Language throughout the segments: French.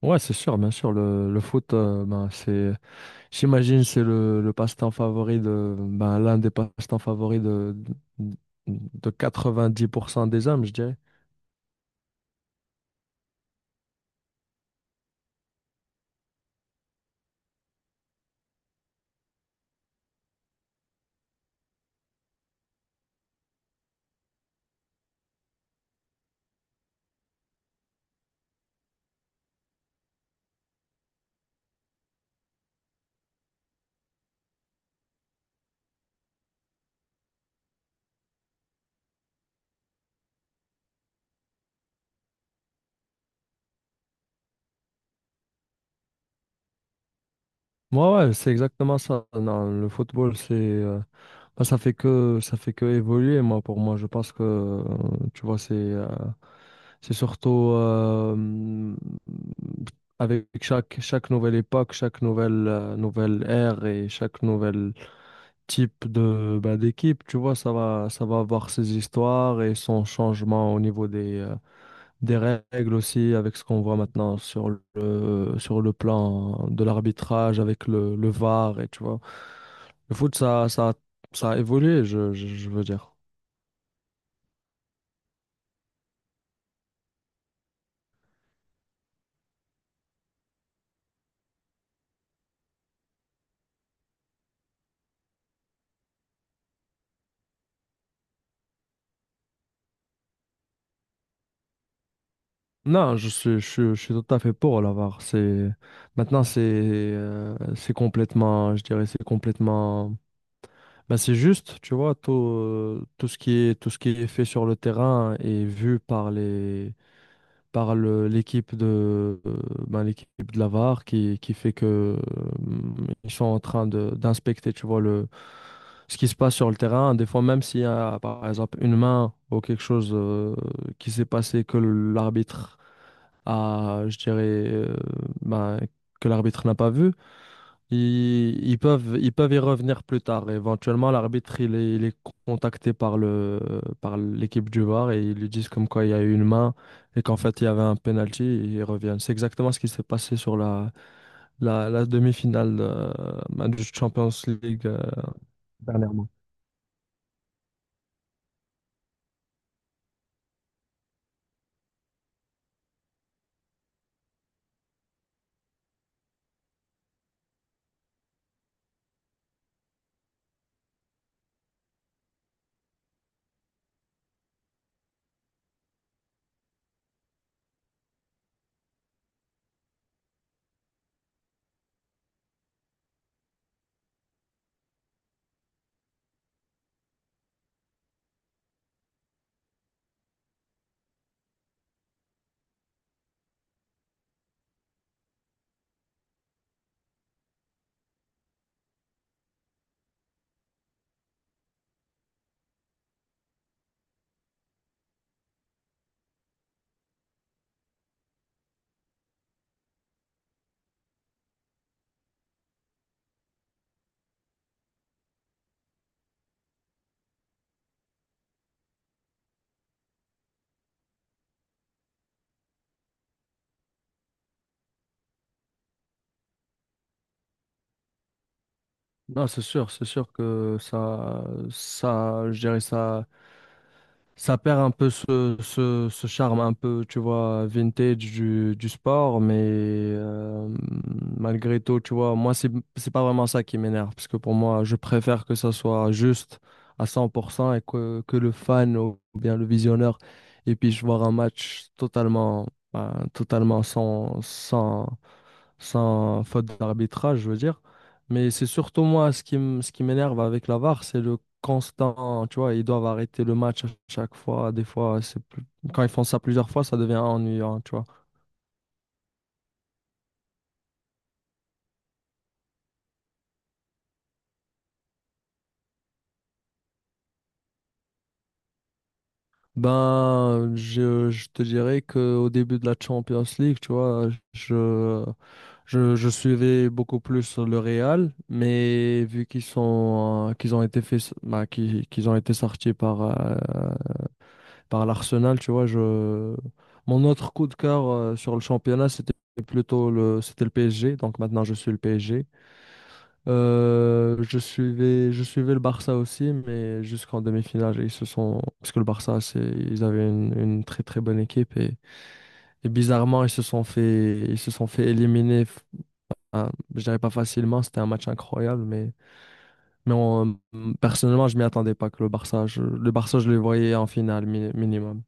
Ouais, c'est sûr, bien sûr. Le foot, ben, j'imagine, c'est le passe-temps favori de, ben, l'un des passe-temps favoris de 90% des hommes, je dirais. Moi, ouais, ouais, c'est exactement ça. Non, le football, ben, ça fait que évoluer, pour moi. Je pense que, tu vois, c'est surtout, avec chaque nouvelle époque, nouvelle ère et chaque nouvelle type de bah, d'équipe, tu vois, ça va avoir ses histoires et son changement au niveau des règles aussi, avec ce qu'on voit maintenant sur sur le plan de l'arbitrage, avec le VAR, et tu vois. Le foot, ça a évolué, je veux dire. Non, je suis tout à fait pour la VAR. C'est, maintenant, c'est complètement, je dirais, c'est complètement. Ben, c'est juste, tu vois, tout ce qui est fait sur le terrain est vu par par le, l'équipe ben, l'équipe de la VAR qui fait que, euh, ils sont en train de, d'inspecter, tu vois, le, ce qui se passe sur le terrain. Des fois, même s'il y a, par exemple, une main ou quelque chose, qui s'est passé que l'arbitre a, je dirais, ben, que l'arbitre n'a pas vu, ils peuvent y revenir plus tard. Éventuellement, il est contacté par le, par l'équipe du VAR et ils lui disent comme quoi il y a eu une main et qu'en fait il y avait un penalty et ils reviennent. C'est exactement ce qui s'est passé sur la demi-finale du Champions League dernièrement. Non, c'est sûr que je dirais ça. Ça perd un peu ce charme un peu, tu vois, vintage du sport, mais malgré tout, tu vois, c'est pas vraiment ça qui m'énerve, parce que pour moi, je préfère que ça soit juste à 100% et que le fan ou bien le visionneur, et puis je voir un match totalement, ben, totalement sans faute d'arbitrage, je veux dire. Mais c'est surtout moi ce qui m'énerve avec la VAR, c'est le constant, tu vois, ils doivent arrêter le match à chaque fois. Des fois, quand ils font ça plusieurs fois, ça devient ennuyant, tu vois. Ben, je te dirais qu'au début de la Champions League, tu vois, je, je suivais beaucoup plus le Real, mais vu qu'ils sont, qu'ils ont été faits, bah, qu'ils ont été sortis par, par l'Arsenal, tu vois, je... mon autre coup de cœur sur le championnat, c'était le PSG. Donc maintenant, je suis le PSG. Je suivais le Barça aussi, mais jusqu'en demi-finale, ils se sont, parce que le Barça, c'est, ils avaient une très très bonne équipe et bizarrement, ils se sont fait éliminer. Hein, je dirais pas facilement, c'était un match incroyable, mais personnellement, je m'y attendais pas que le Barça, le Barça, je les voyais en finale minimum.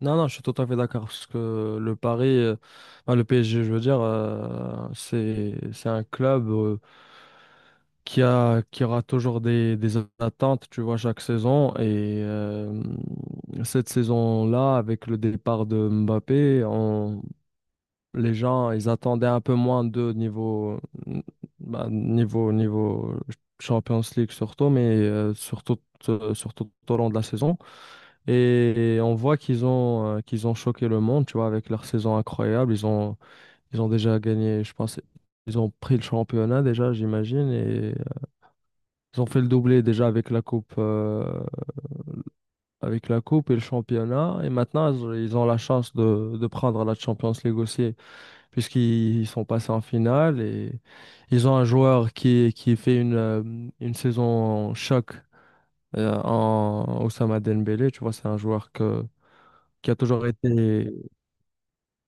Non, non, je suis tout à fait d'accord parce que le PSG, je veux dire, c'est un club qui aura toujours des attentes, tu vois, chaque saison. Et cette saison-là, avec le départ de Mbappé, les gens, ils attendaient un peu moins de niveau, bah, niveau Champions League surtout, mais surtout tout au long de la saison. Et on voit qu'ils ont choqué le monde, tu vois, avec leur saison incroyable. Ils ont déjà gagné, je pense, ils ont pris le championnat déjà, j'imagine, et ils ont fait le doublé déjà avec la coupe, et le championnat. Et maintenant, ils ont la chance de prendre la Champions League aussi, puisqu'ils sont passés en finale et ils ont un joueur qui fait une saison choc en Ousama Dembélé. Tu vois, c'est un joueur que, qui a toujours été.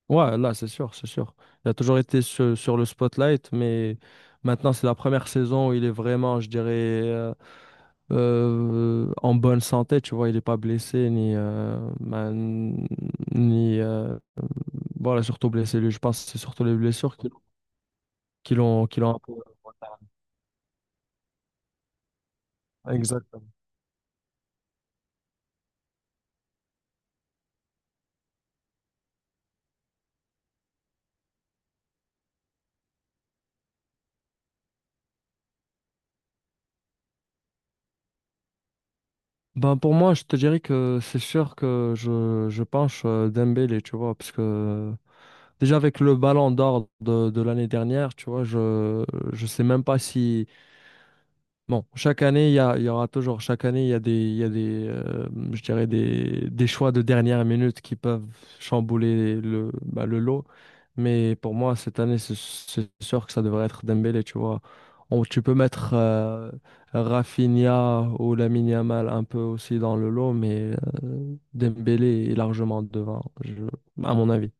Ouais, là, c'est sûr, c'est sûr. Il a toujours été sur le spotlight, mais maintenant, c'est la première saison où il est vraiment, je dirais, en bonne santé, tu vois. Il n'est pas blessé, ni, bah, n- ni voilà, surtout blessé, lui. Je pense que c'est surtout les blessures qui, qui l'ont. Exact. Ben, pour moi, je te dirais que c'est sûr que je penche Dembélé, tu vois, parce que déjà avec le ballon d'or de l'année dernière, tu vois, je sais même pas si. Bon, chaque année, il y aura toujours, chaque année, il y a des, je dirais des choix de dernière minute qui peuvent chambouler le, bah, le lot. Mais pour moi, cette année, c'est sûr que ça devrait être Dembélé, tu vois. Tu peux mettre Rafinha ou Lamine Yamal un peu aussi dans le lot, mais Dembélé est largement devant, à mon avis.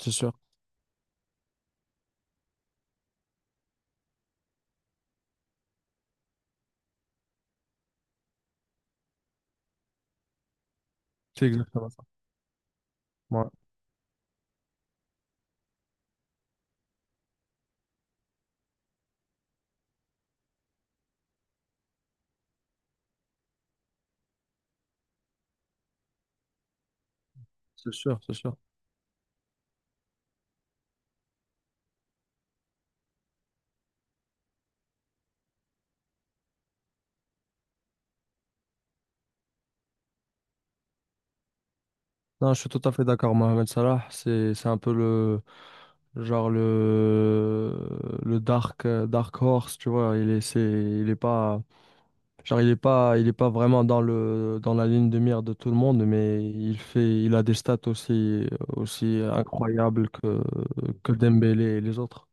C'est sûr. C'est exactement ça. Ouais, c'est sûr, c'est sûr. Non, je suis tout à fait d'accord, Mohamed Salah, c'est un peu le dark dark horse, tu vois, il est pas il est pas vraiment dans la ligne de mire de tout le monde, mais il a des stats aussi incroyables que Dembélé et les autres.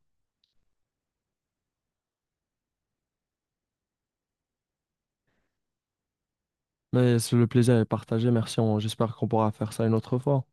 Mais le plaisir est partagé, merci, j'espère qu'on pourra faire ça une autre fois.